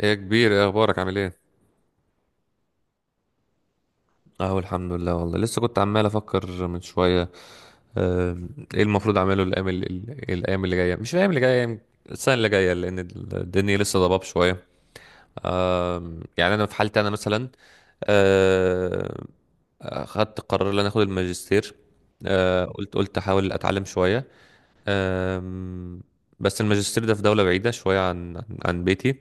ايه يا كبير، ايه اخبارك؟ عامل ايه؟ اهو الحمد لله، والله لسه كنت عمال افكر من شويه. آم، ايه المفروض اعمله الايام الايام اللي جايه، مش الايام اللي جايه، يعني السنه اللي جايه، لان الدنيا لسه ضباب شويه. يعني انا في حالتي انا مثلا، آه، اخدت قرار ان انا اخد الماجستير. قلت احاول اتعلم شويه. آم، بس الماجستير ده في دوله بعيده شويه عن بيتي.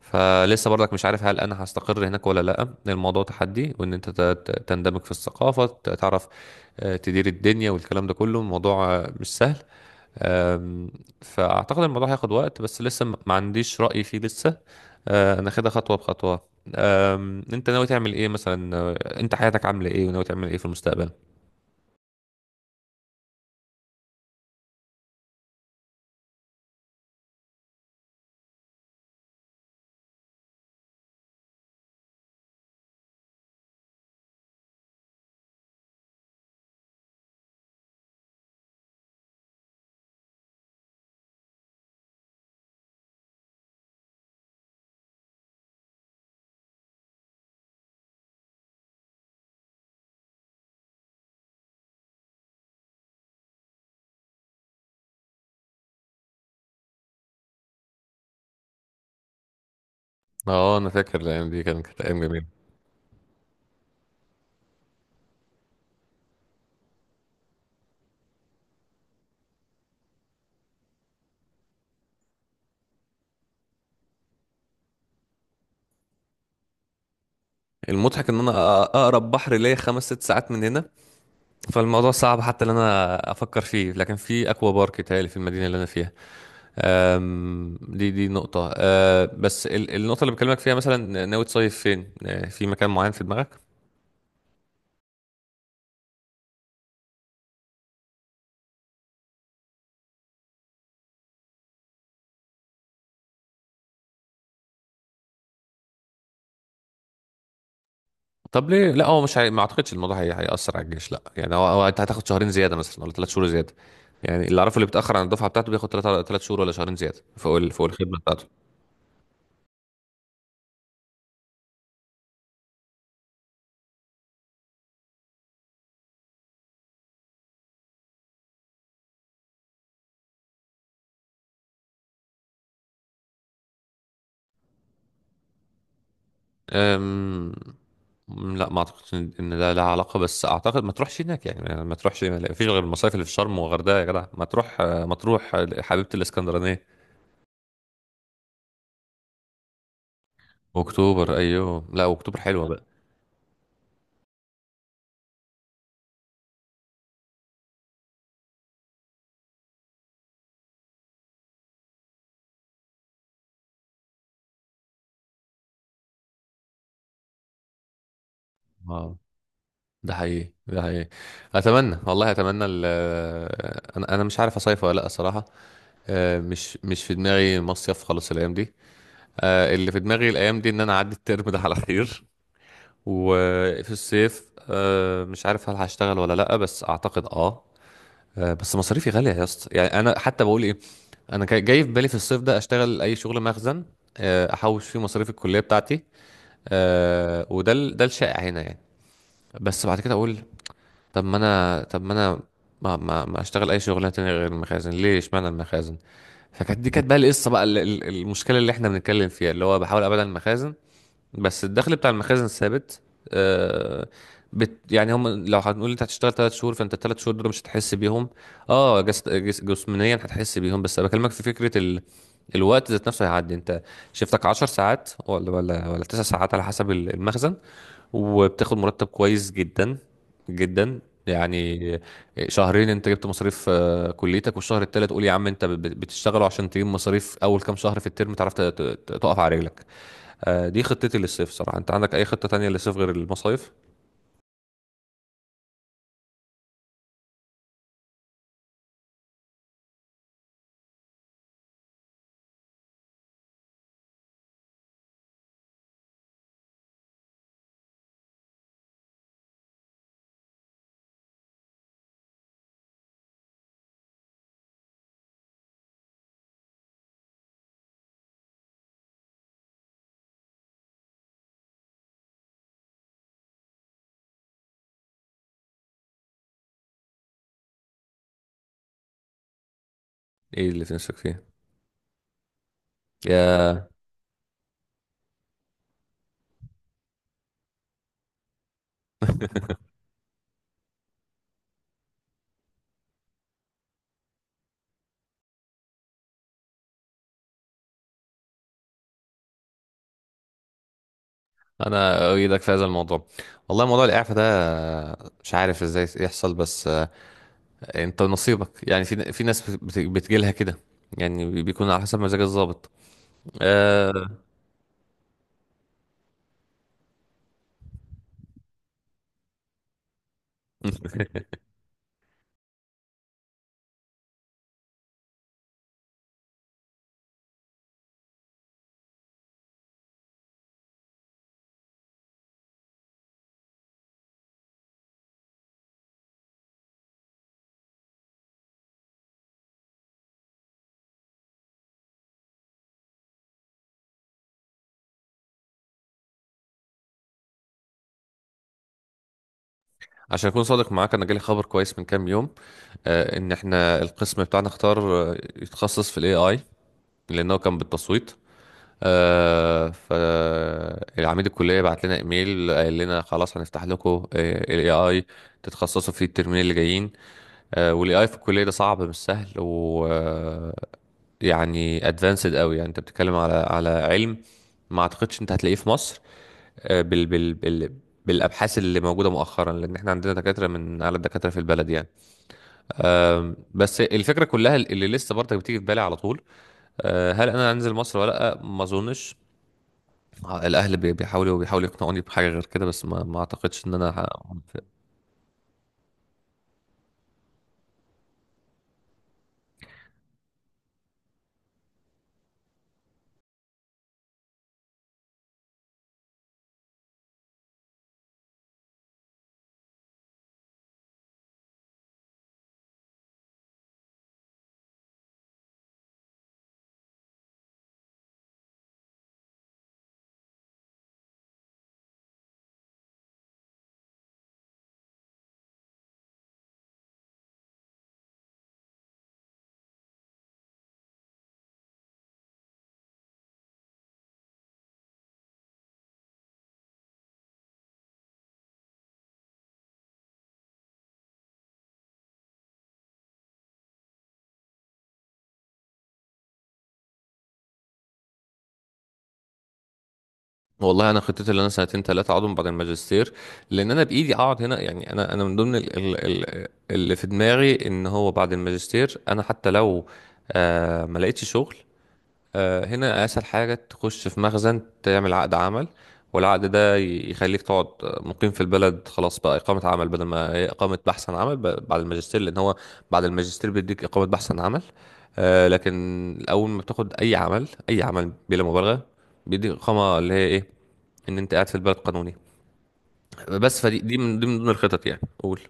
فلسه برضك مش عارف هل انا هستقر هناك ولا لا، الموضوع تحدي، وان انت تندمج في الثقافة، تعرف، تدير الدنيا والكلام ده كله، الموضوع مش سهل. آم، فاعتقد الموضوع هياخد وقت، بس لسه ما عنديش رأي فيه لسه. انا خدها خطوة بخطوة. انت ناوي تعمل ايه مثلا؟ انت حياتك عاملة ايه، وناوي تعمل ايه في المستقبل؟ اه، انا فاكر الايام دي، كانت ايام جميله. المضحك ان انا اقرب بحر ليا خمس ست ساعات من هنا، فالموضوع صعب حتى ان انا افكر فيه، لكن في اكوا بارك تهيألي في المدينه اللي انا فيها. دي نقطه. بس النقطه اللي بكلمك فيها، مثلا ناوي تصيف فين؟ في مكان معين في دماغك؟ طب ليه لا؟ هو مش ما اعتقدش الموضوع هيأثر على الجيش، لا يعني هو انت هتاخد شهرين زياده مثلا ولا ثلاث شهور زياده. يعني اللي اعرفه، اللي بيتأخر عن الدفعه بتاعته بياخد ثلاث شهور ولا شهرين زياده فوق الخدمه بتاعته. أم... لا، ما اعتقدش ان ده لها علاقه، بس اعتقد ما تروحش هناك، يعني ما تروحش، ما فيش غير المصايف اللي في شرم والغردقه، يا جدع ما تروح ما تروح حبيبه الاسكندرانيه. اكتوبر، ايوه، لا اكتوبر حلوه بقى. اه، ده حقيقي، ده حقيقي. اتمنى والله، اتمنى انا مش عارف اصيف ولا لا الصراحه. مش في دماغي مصيف خالص الايام دي. اللي في دماغي الايام دي ان انا اعدي الترم ده على خير، وفي الصيف مش عارف هل هشتغل ولا لا، بس اعتقد اه. بس مصاريفي غالية يا اسطى، يعني انا حتى بقول ايه، انا جاي في بالي في الصيف ده اشتغل اي شغل مخزن، احوش فيه مصاريف الكلية بتاعتي، ده الشائع هنا يعني. بس بعد كده اقول، طب ما انا ما اشتغل اي شغلانه تانية غير المخازن؟ ليه اشمعنى المخازن؟ فكانت دي، كانت بقى القصة بقى، المشكلة اللي احنا بنتكلم فيها، اللي هو بحاول ابعد عن المخازن. بس الدخل بتاع المخازن ثابت. آه يعني، هم لو هنقول انت هتشتغل ثلاث شهور، فانت الثلاث شهور دول مش هتحس بيهم. اه جس جس جسمانيا هتحس بيهم، بس انا بكلمك في فكره الوقت ذات نفسه هيعدي. انت شفتك 10 ساعات ولا 9 ساعات على حسب المخزن، وبتاخد مرتب كويس جدا جدا يعني. شهرين انت جبت مصاريف كليتك، والشهر التالت قول يا عم انت بتشتغله عشان تجيب مصاريف اول كام شهر في الترم، تعرف تقف على رجلك. دي خطتي للصيف صراحة، انت عندك اي خطة تانية للصيف غير المصايف؟ ايه اللي تنسك فيه؟ يا انا اؤيدك في هذا الموضوع. والله موضوع الاعفاء ده مش عارف ازاي يحصل، بس انت نصيبك يعني، في ناس بتجيلها كده، يعني بيكون على حسب مزاج الضابط. آه، عشان اكون صادق معاك، انا جالي خبر كويس من كام يوم، ان احنا القسم بتاعنا اختار يتخصص في الاي اي، لانه كان بالتصويت. فالعميد الكلية بعت لنا ايميل، قال لنا خلاص هنفتح لكم الاي اي تتخصصوا فيه الترمين اللي جايين. والاي اي في الكلية ده صعب، مش سهل، و يعني ادفانسد قوي، يعني انت بتتكلم على علم ما اعتقدش انت هتلاقيه في مصر، آه، بال بال بال بالابحاث اللي موجوده مؤخرا، لان احنا عندنا دكاتره من اعلى الدكاتره في البلد يعني. بس الفكره كلها اللي لسه برضك بتيجي في بالي على طول، هل انا هنزل مصر ولا لا؟ ما اظنش. الاهل بيحاولوا يقنعوني بحاجه غير كده، بس ما اعتقدش ان انا والله انا خطتي اللي انا سنتين ثلاثه اقعدهم بعد الماجستير، لان انا بايدي اقعد هنا، يعني انا من ضمن اللي في دماغي ان هو بعد الماجستير، انا حتى لو ما لقيتش شغل، هنا اسهل حاجه تخش في مخزن، تعمل عقد عمل، والعقد ده يخليك تقعد مقيم في البلد، خلاص بقى اقامه عمل بدل ما هي اقامه بحث عن عمل بعد الماجستير، لان هو بعد الماجستير بيديك اقامه بحث عن عمل. لكن اول ما بتاخد اي عمل، اي عمل بلا مبالغه، بيديك اقامه اللي هي ايه، ان انت قاعد في البلد قانوني. بس فدي دي من دي من ضمن الخطط، يعني قول.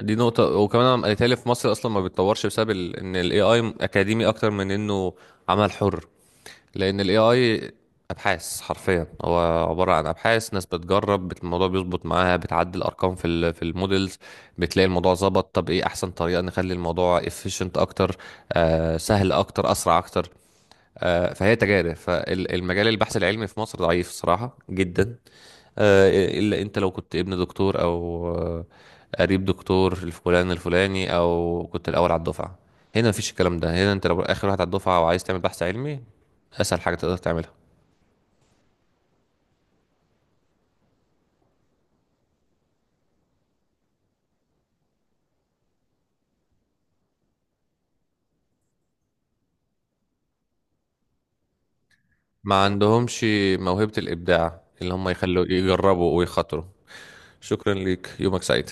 دي نقطة، وكمان انا قالت لي في مصر اصلا ما بيتطورش، بسبب ان الاي اي اكاديمي اكتر من انه عمل حر. لان الاي اي ابحاث حرفيا، هو عباره عن ابحاث، ناس بتجرب، الموضوع بيظبط معاها، بتعدل ارقام في المودلز، بتلاقي الموضوع ظبط، طب ايه احسن طريقه نخلي الموضوع efficient اكتر، سهل اكتر، اسرع اكتر. فهي تجارب، فالمجال، البحث العلمي في مصر ضعيف صراحه جدا، آه، الا انت لو كنت ابن دكتور او قريب دكتور الفلان الفلاني، او كنت الاول على الدفعه. هنا مفيش الكلام ده، هنا انت لو اخر واحد على الدفعه وعايز تعمل بحث علمي، اسهل حاجه تقدر تعملها. ما عندهمش موهبه الابداع اللي هم يخلوا يجربوا ويخاطروا. شكرا ليك، يومك سعيد.